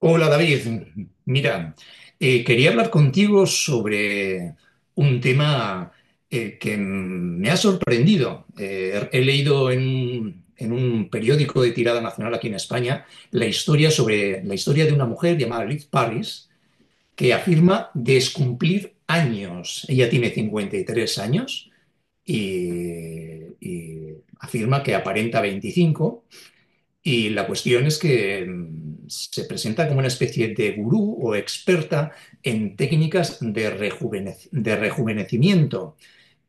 Hola David, mira, quería hablar contigo sobre un tema me ha sorprendido. He leído en un periódico de tirada nacional aquí en España la historia de una mujer llamada Liz Paris que afirma descumplir años. Ella tiene 53 años y afirma que aparenta 25. Y la cuestión es que se presenta como una especie de gurú o experta en técnicas de rejuvenecimiento.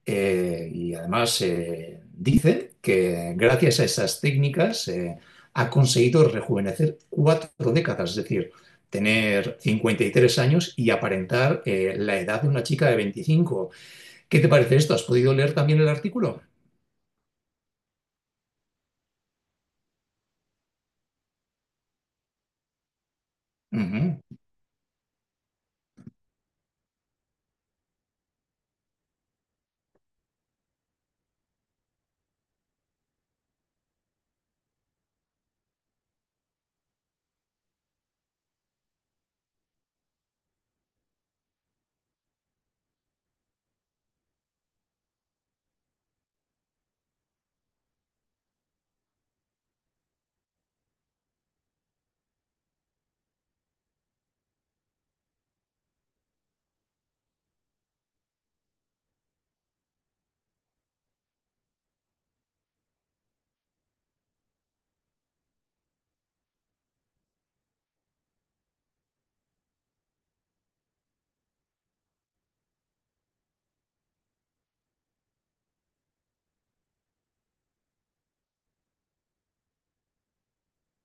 Y además dice que gracias a esas técnicas ha conseguido rejuvenecer 4 décadas, es decir, tener 53 años y aparentar la edad de una chica de 25. ¿Qué te parece esto? ¿Has podido leer también el artículo? Ujú.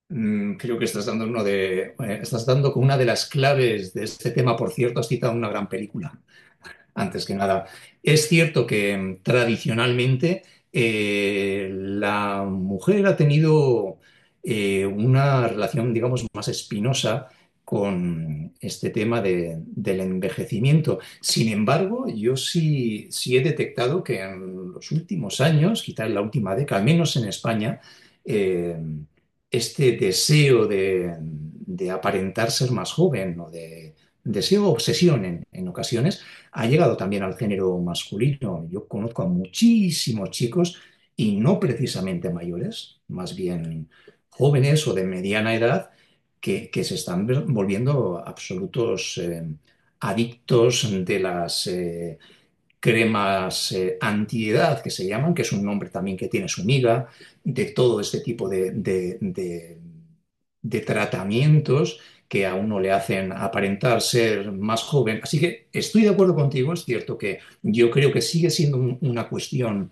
Creo que estás dando uno de, estás dando con una de las claves de este tema. Por cierto, has citado una gran película antes que nada. Es cierto que tradicionalmente la mujer ha tenido una relación, digamos, más espinosa con este tema del envejecimiento. Sin embargo, yo sí he detectado que en los últimos años, quizá en la última década, al menos en España, eh, este deseo de aparentar ser más joven o de deseo obsesión en ocasiones, ha llegado también al género masculino. Yo conozco a muchísimos chicos y no precisamente mayores, más bien jóvenes o de mediana edad, que se están volviendo absolutos adictos de las cremas antiedad que se llaman, que es un nombre también que tiene su miga, de todo este tipo de tratamientos que a uno le hacen aparentar ser más joven. Así que estoy de acuerdo contigo, es cierto que yo creo que sigue siendo una cuestión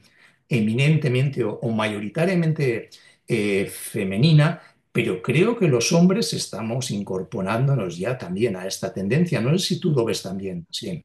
eminentemente o mayoritariamente femenina, pero creo que los hombres estamos incorporándonos ya también a esta tendencia. No sé si tú lo ves también, sí.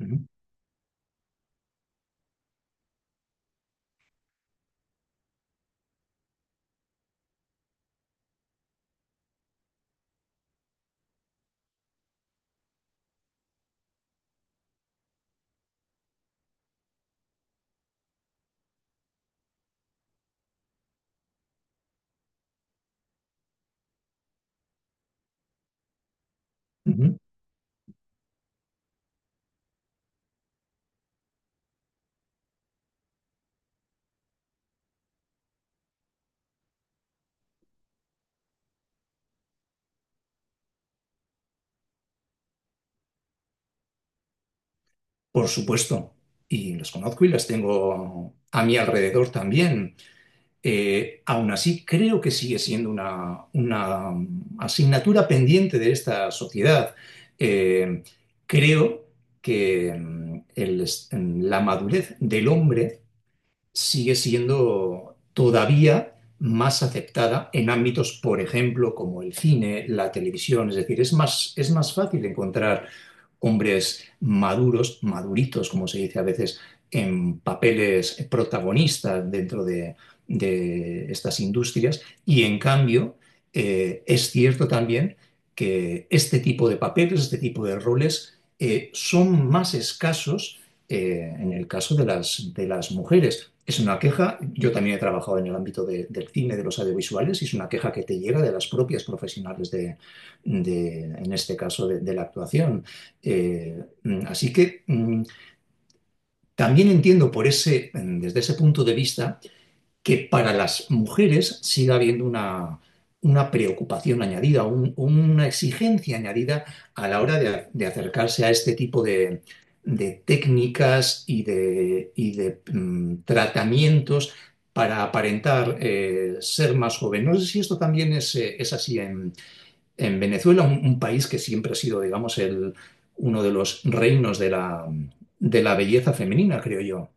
Ujú, ujú. Por supuesto, y los conozco y las tengo a mi alrededor también. Aún así, creo que sigue siendo una asignatura pendiente de esta sociedad. Eh, creo que la madurez del hombre sigue siendo todavía más aceptada en ámbitos, por ejemplo, como el cine, la televisión. Es decir, es más fácil encontrar hombres maduros, maduritos, como se dice a veces, en papeles protagonistas dentro de estas industrias. Y en cambio, es cierto también que este tipo de papeles, este tipo de roles, son más escasos en el caso de las mujeres. Es una queja, yo también he trabajado en el ámbito del cine, de los audiovisuales, y es una queja que te llega de las propias profesionales en este caso, de la actuación. Así que también entiendo desde ese punto de vista que para las mujeres siga habiendo una preocupación añadida, una exigencia añadida a la hora de acercarse a este tipo de técnicas tratamientos para aparentar ser más joven. No sé si esto también es así en, Venezuela, un país que siempre ha sido, digamos, uno de los reinos de la belleza femenina, creo yo.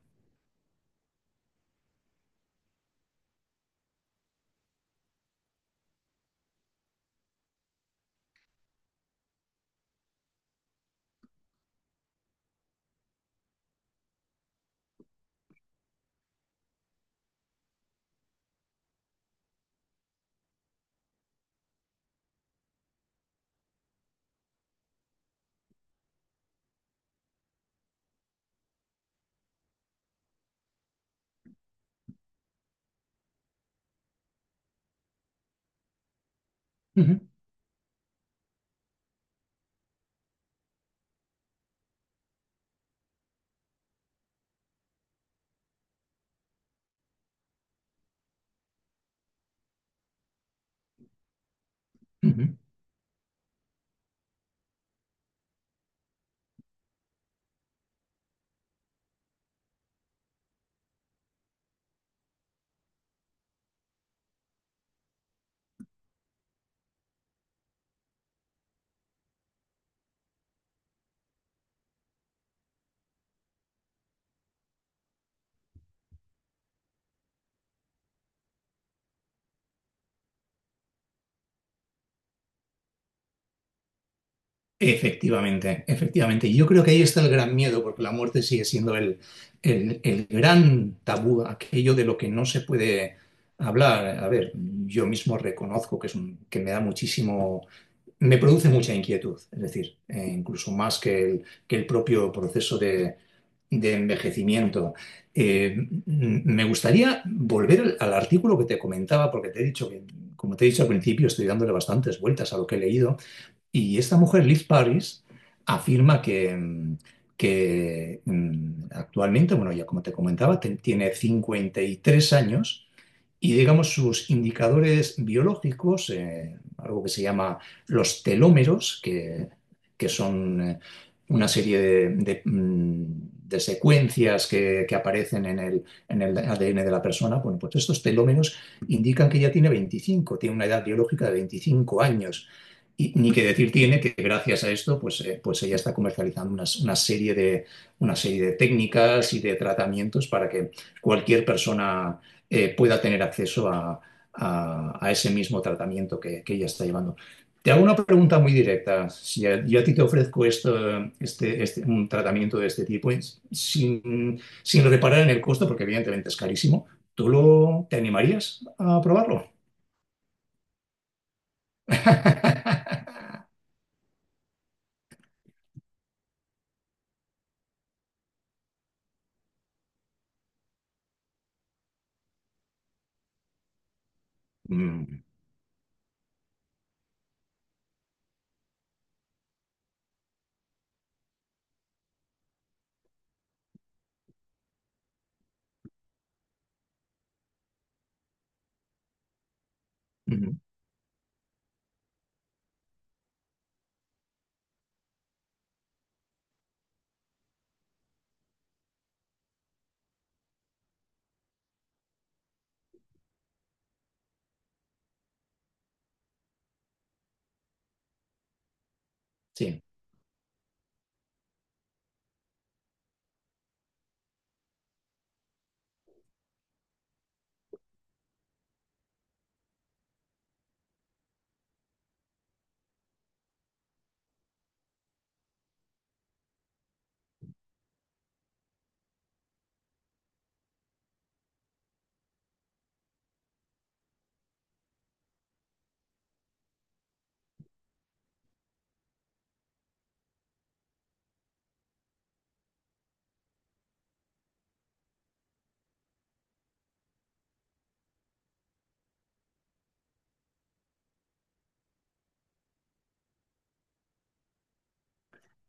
Ujú, ujú. Efectivamente, efectivamente. Yo creo que ahí está el gran miedo, porque la muerte sigue siendo el gran tabú, aquello de lo que no se puede hablar. A ver, yo mismo reconozco que que me da muchísimo, me produce mucha inquietud, es decir, incluso más que el propio proceso de envejecimiento. Eh, m- me gustaría volver al artículo que te comentaba, porque te he dicho que, como te he dicho al principio, estoy dándole bastantes vueltas a lo que he leído. Y esta mujer, Liz Paris, afirma que actualmente, bueno, ya como te comentaba, tiene 53 años y digamos sus indicadores biológicos, algo que se llama los telómeros, que son una serie de secuencias que aparecen en el ADN de la persona, bueno, pues estos telómeros indican que ya tiene una edad biológica de 25 años. Y ni que decir tiene que gracias a esto, pues ella está comercializando una serie de técnicas y de tratamientos para que cualquier persona pueda tener acceso a ese mismo tratamiento que ella está llevando. Te hago una pregunta muy directa. Si yo a ti te ofrezco esto, un tratamiento de este tipo sin reparar en el costo, porque evidentemente es carísimo, ¿tú te animarías a probarlo? Mm, ujú, sí.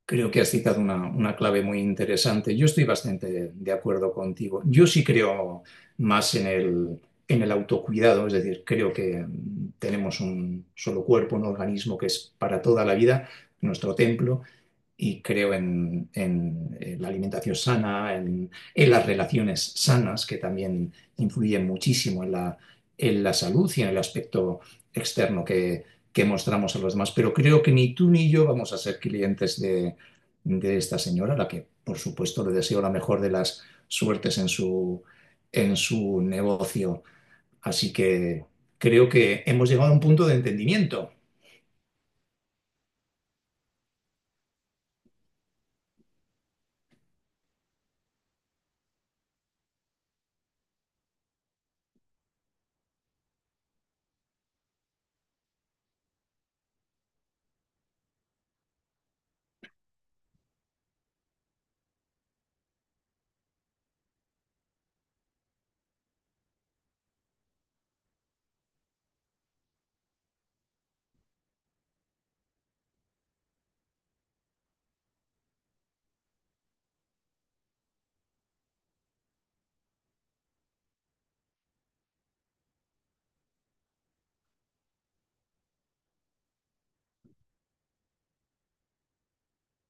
Creo que has citado una clave muy interesante. Yo estoy bastante de acuerdo contigo. Yo sí creo más en el autocuidado, es decir, creo que tenemos un solo cuerpo, un organismo que es para toda la vida, nuestro templo, y creo la alimentación sana, en las relaciones sanas, que también influyen muchísimo en la salud y en el aspecto externo que mostramos a los demás. Pero creo que ni tú ni yo vamos a ser clientes de esta señora, a la que por supuesto le deseo la mejor de las suertes en su negocio. Así que creo que hemos llegado a un punto de entendimiento.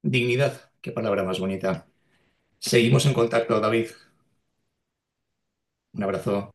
Dignidad, qué palabra más bonita. Seguimos en contacto, David. Un abrazo.